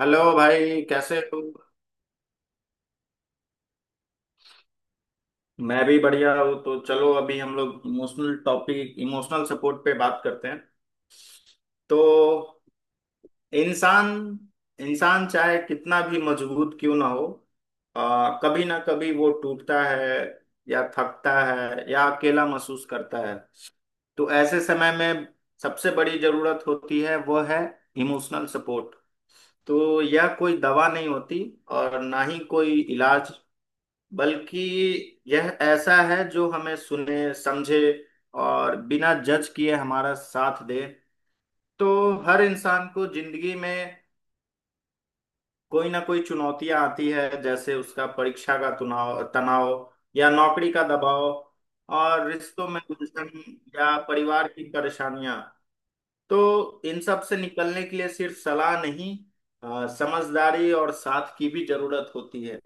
Hello भाई, कैसे हो। मैं भी बढ़िया हूँ। तो चलो, अभी हम लोग इमोशनल टॉपिक, इमोशनल सपोर्ट पे बात करते हैं। तो इंसान इंसान चाहे कितना भी मजबूत क्यों ना हो, कभी ना कभी वो टूटता है या थकता है या अकेला महसूस करता है। तो ऐसे समय में सबसे बड़ी जरूरत होती है, वो है इमोशनल सपोर्ट। तो यह कोई दवा नहीं होती और ना ही कोई इलाज, बल्कि यह ऐसा है जो हमें सुने, समझे और बिना जज किए हमारा साथ दे। तो हर इंसान को जिंदगी में कोई ना कोई चुनौतियां आती है, जैसे उसका परीक्षा का तनाव तनाव या नौकरी का दबाव और रिश्तों में उलझन या परिवार की परेशानियां। तो इन सब से निकलने के लिए सिर्फ सलाह नहीं, समझदारी और साथ की भी जरूरत होती है।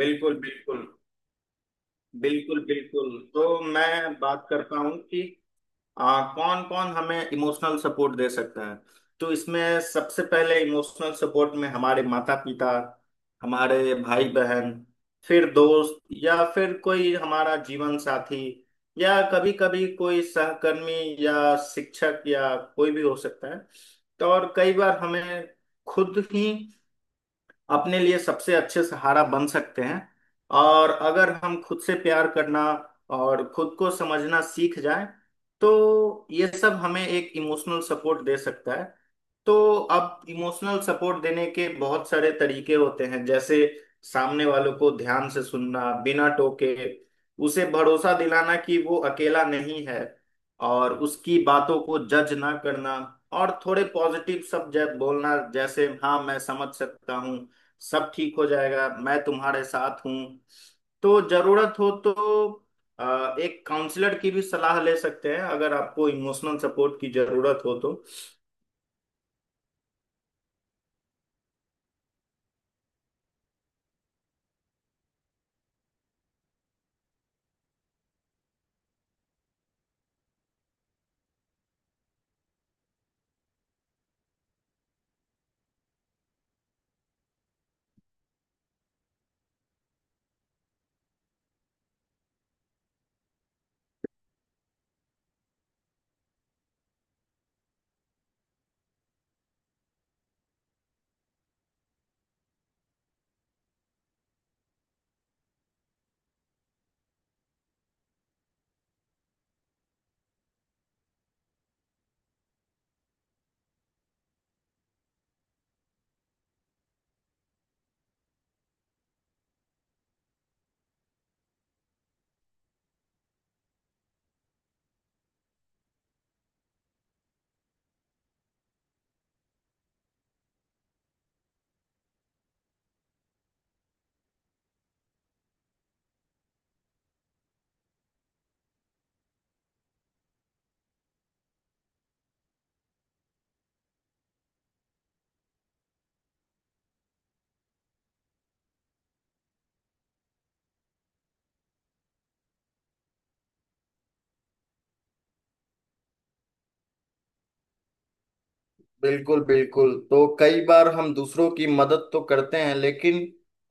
बिल्कुल, बिल्कुल। बिल्कुल, बिल्कुल। तो मैं बात करता हूँ कि कौन कौन हमें इमोशनल सपोर्ट दे सकता है। तो इसमें सबसे पहले इमोशनल सपोर्ट में हमारे माता पिता, हमारे भाई बहन, फिर दोस्त या फिर कोई हमारा जीवन साथी या कभी कभी कोई सहकर्मी या शिक्षक या कोई भी हो सकता है। तो और कई बार हमें खुद ही अपने लिए सबसे अच्छे सहारा बन सकते हैं। और अगर हम खुद से प्यार करना और खुद को समझना सीख जाएं, तो ये सब हमें एक इमोशनल सपोर्ट दे सकता है। तो अब इमोशनल सपोर्ट देने के बहुत सारे तरीके होते हैं, जैसे सामने वालों को ध्यान से सुनना बिना टोके, उसे भरोसा दिलाना कि वो अकेला नहीं है, और उसकी बातों को जज ना करना, और थोड़े पॉजिटिव शब्द बोलना, जैसे हाँ मैं समझ सकता हूँ, सब ठीक हो जाएगा, मैं तुम्हारे साथ हूँ। तो जरूरत हो तो एक काउंसलर की भी सलाह ले सकते हैं, अगर आपको इमोशनल सपोर्ट की जरूरत हो तो। बिल्कुल, बिल्कुल। तो कई बार हम दूसरों की मदद तो करते हैं, लेकिन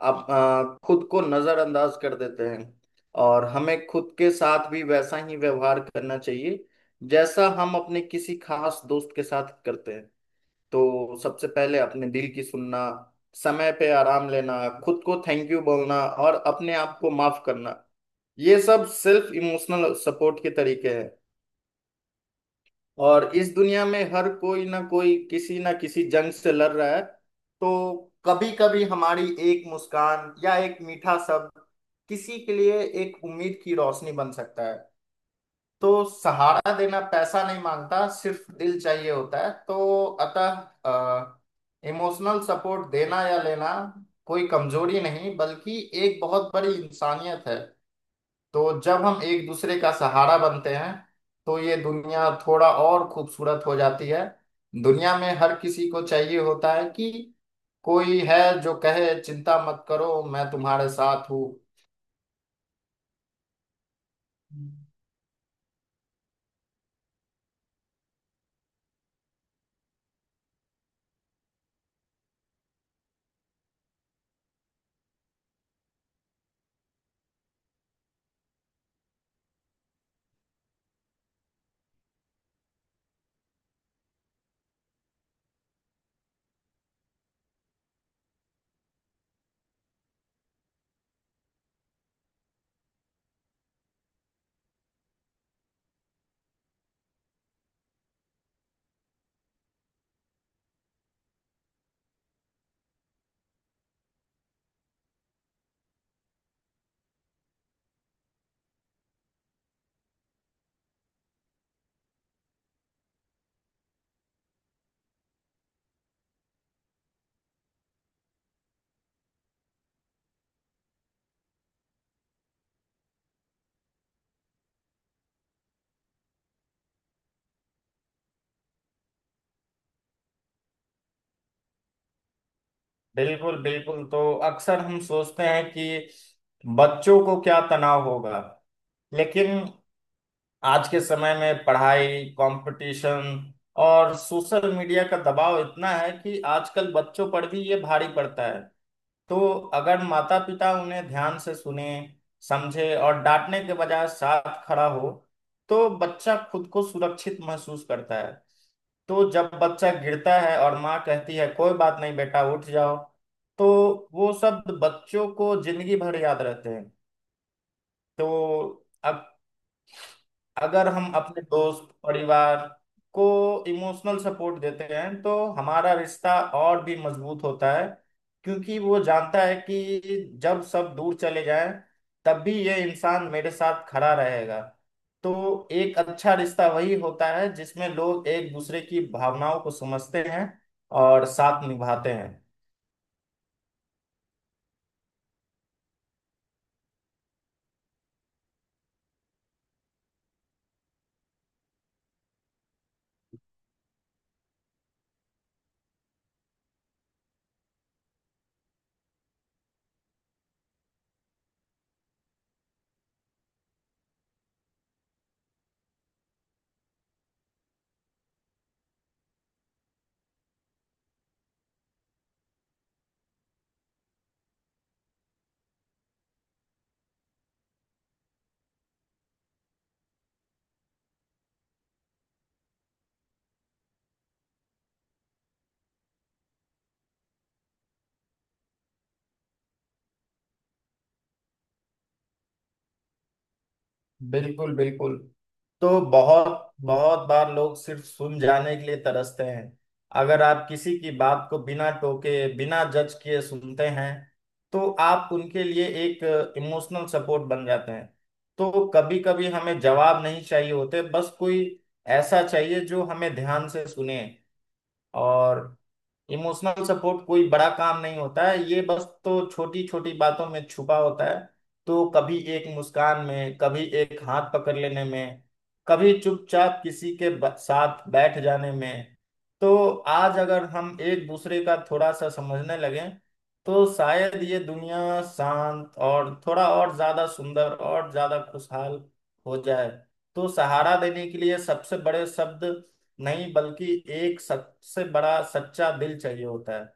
आप खुद को नजरअंदाज कर देते हैं। और हमें खुद के साथ भी वैसा ही व्यवहार करना चाहिए जैसा हम अपने किसी खास दोस्त के साथ करते हैं। तो सबसे पहले अपने दिल की सुनना, समय पे आराम लेना, खुद को थैंक यू बोलना और अपने आप को माफ करना, ये सब सेल्फ इमोशनल सपोर्ट के तरीके हैं। और इस दुनिया में हर कोई ना कोई किसी ना किसी जंग से लड़ रहा है। तो कभी कभी हमारी एक मुस्कान या एक मीठा शब्द किसी के लिए एक उम्मीद की रोशनी बन सकता है। तो सहारा देना पैसा नहीं मांगता, सिर्फ दिल चाहिए होता है। तो अतः इमोशनल सपोर्ट देना या लेना कोई कमजोरी नहीं, बल्कि एक बहुत बड़ी इंसानियत है। तो जब हम एक दूसरे का सहारा बनते हैं, तो ये दुनिया थोड़ा और खूबसूरत हो जाती है। दुनिया में हर किसी को चाहिए होता है कि कोई है जो कहे, चिंता मत करो, मैं तुम्हारे साथ हूँ। बिल्कुल, बिल्कुल। तो अक्सर हम सोचते हैं कि बच्चों को क्या तनाव होगा, लेकिन आज के समय में पढ़ाई, कंपटीशन और सोशल मीडिया का दबाव इतना है कि आजकल बच्चों पर भी ये भारी पड़ता है। तो अगर माता पिता उन्हें ध्यान से सुने, समझे और डांटने के बजाय साथ खड़ा हो, तो बच्चा खुद को सुरक्षित महसूस करता है। तो जब बच्चा गिरता है और माँ कहती है कोई बात नहीं बेटा उठ जाओ, तो वो शब्द बच्चों को जिंदगी भर याद रहते हैं। तो अब अगर हम अपने दोस्त, परिवार को इमोशनल सपोर्ट देते हैं, तो हमारा रिश्ता और भी मजबूत होता है, क्योंकि वो जानता है कि जब सब दूर चले जाएं तब भी ये इंसान मेरे साथ खड़ा रहेगा। तो एक अच्छा रिश्ता वही होता है जिसमें लोग एक दूसरे की भावनाओं को समझते हैं और साथ निभाते हैं। बिल्कुल, बिल्कुल। तो बहुत बहुत बार लोग सिर्फ सुन जाने के लिए तरसते हैं। अगर आप किसी की बात को बिना टोके बिना जज किए सुनते हैं, तो आप उनके लिए एक इमोशनल सपोर्ट बन जाते हैं। तो कभी कभी हमें जवाब नहीं चाहिए होते, बस कोई ऐसा चाहिए जो हमें ध्यान से सुने। और इमोशनल सपोर्ट कोई बड़ा काम नहीं होता है, ये बस तो छोटी छोटी बातों में छुपा होता है। तो कभी एक मुस्कान में, कभी एक हाथ पकड़ लेने में, कभी चुपचाप किसी के साथ बैठ जाने में। तो आज अगर हम एक दूसरे का थोड़ा सा समझने लगें, तो शायद ये दुनिया शांत और थोड़ा और ज्यादा सुंदर और ज्यादा खुशहाल हो जाए। तो सहारा देने के लिए सबसे बड़े शब्द नहीं, बल्कि एक सबसे बड़ा सच्चा दिल चाहिए होता है।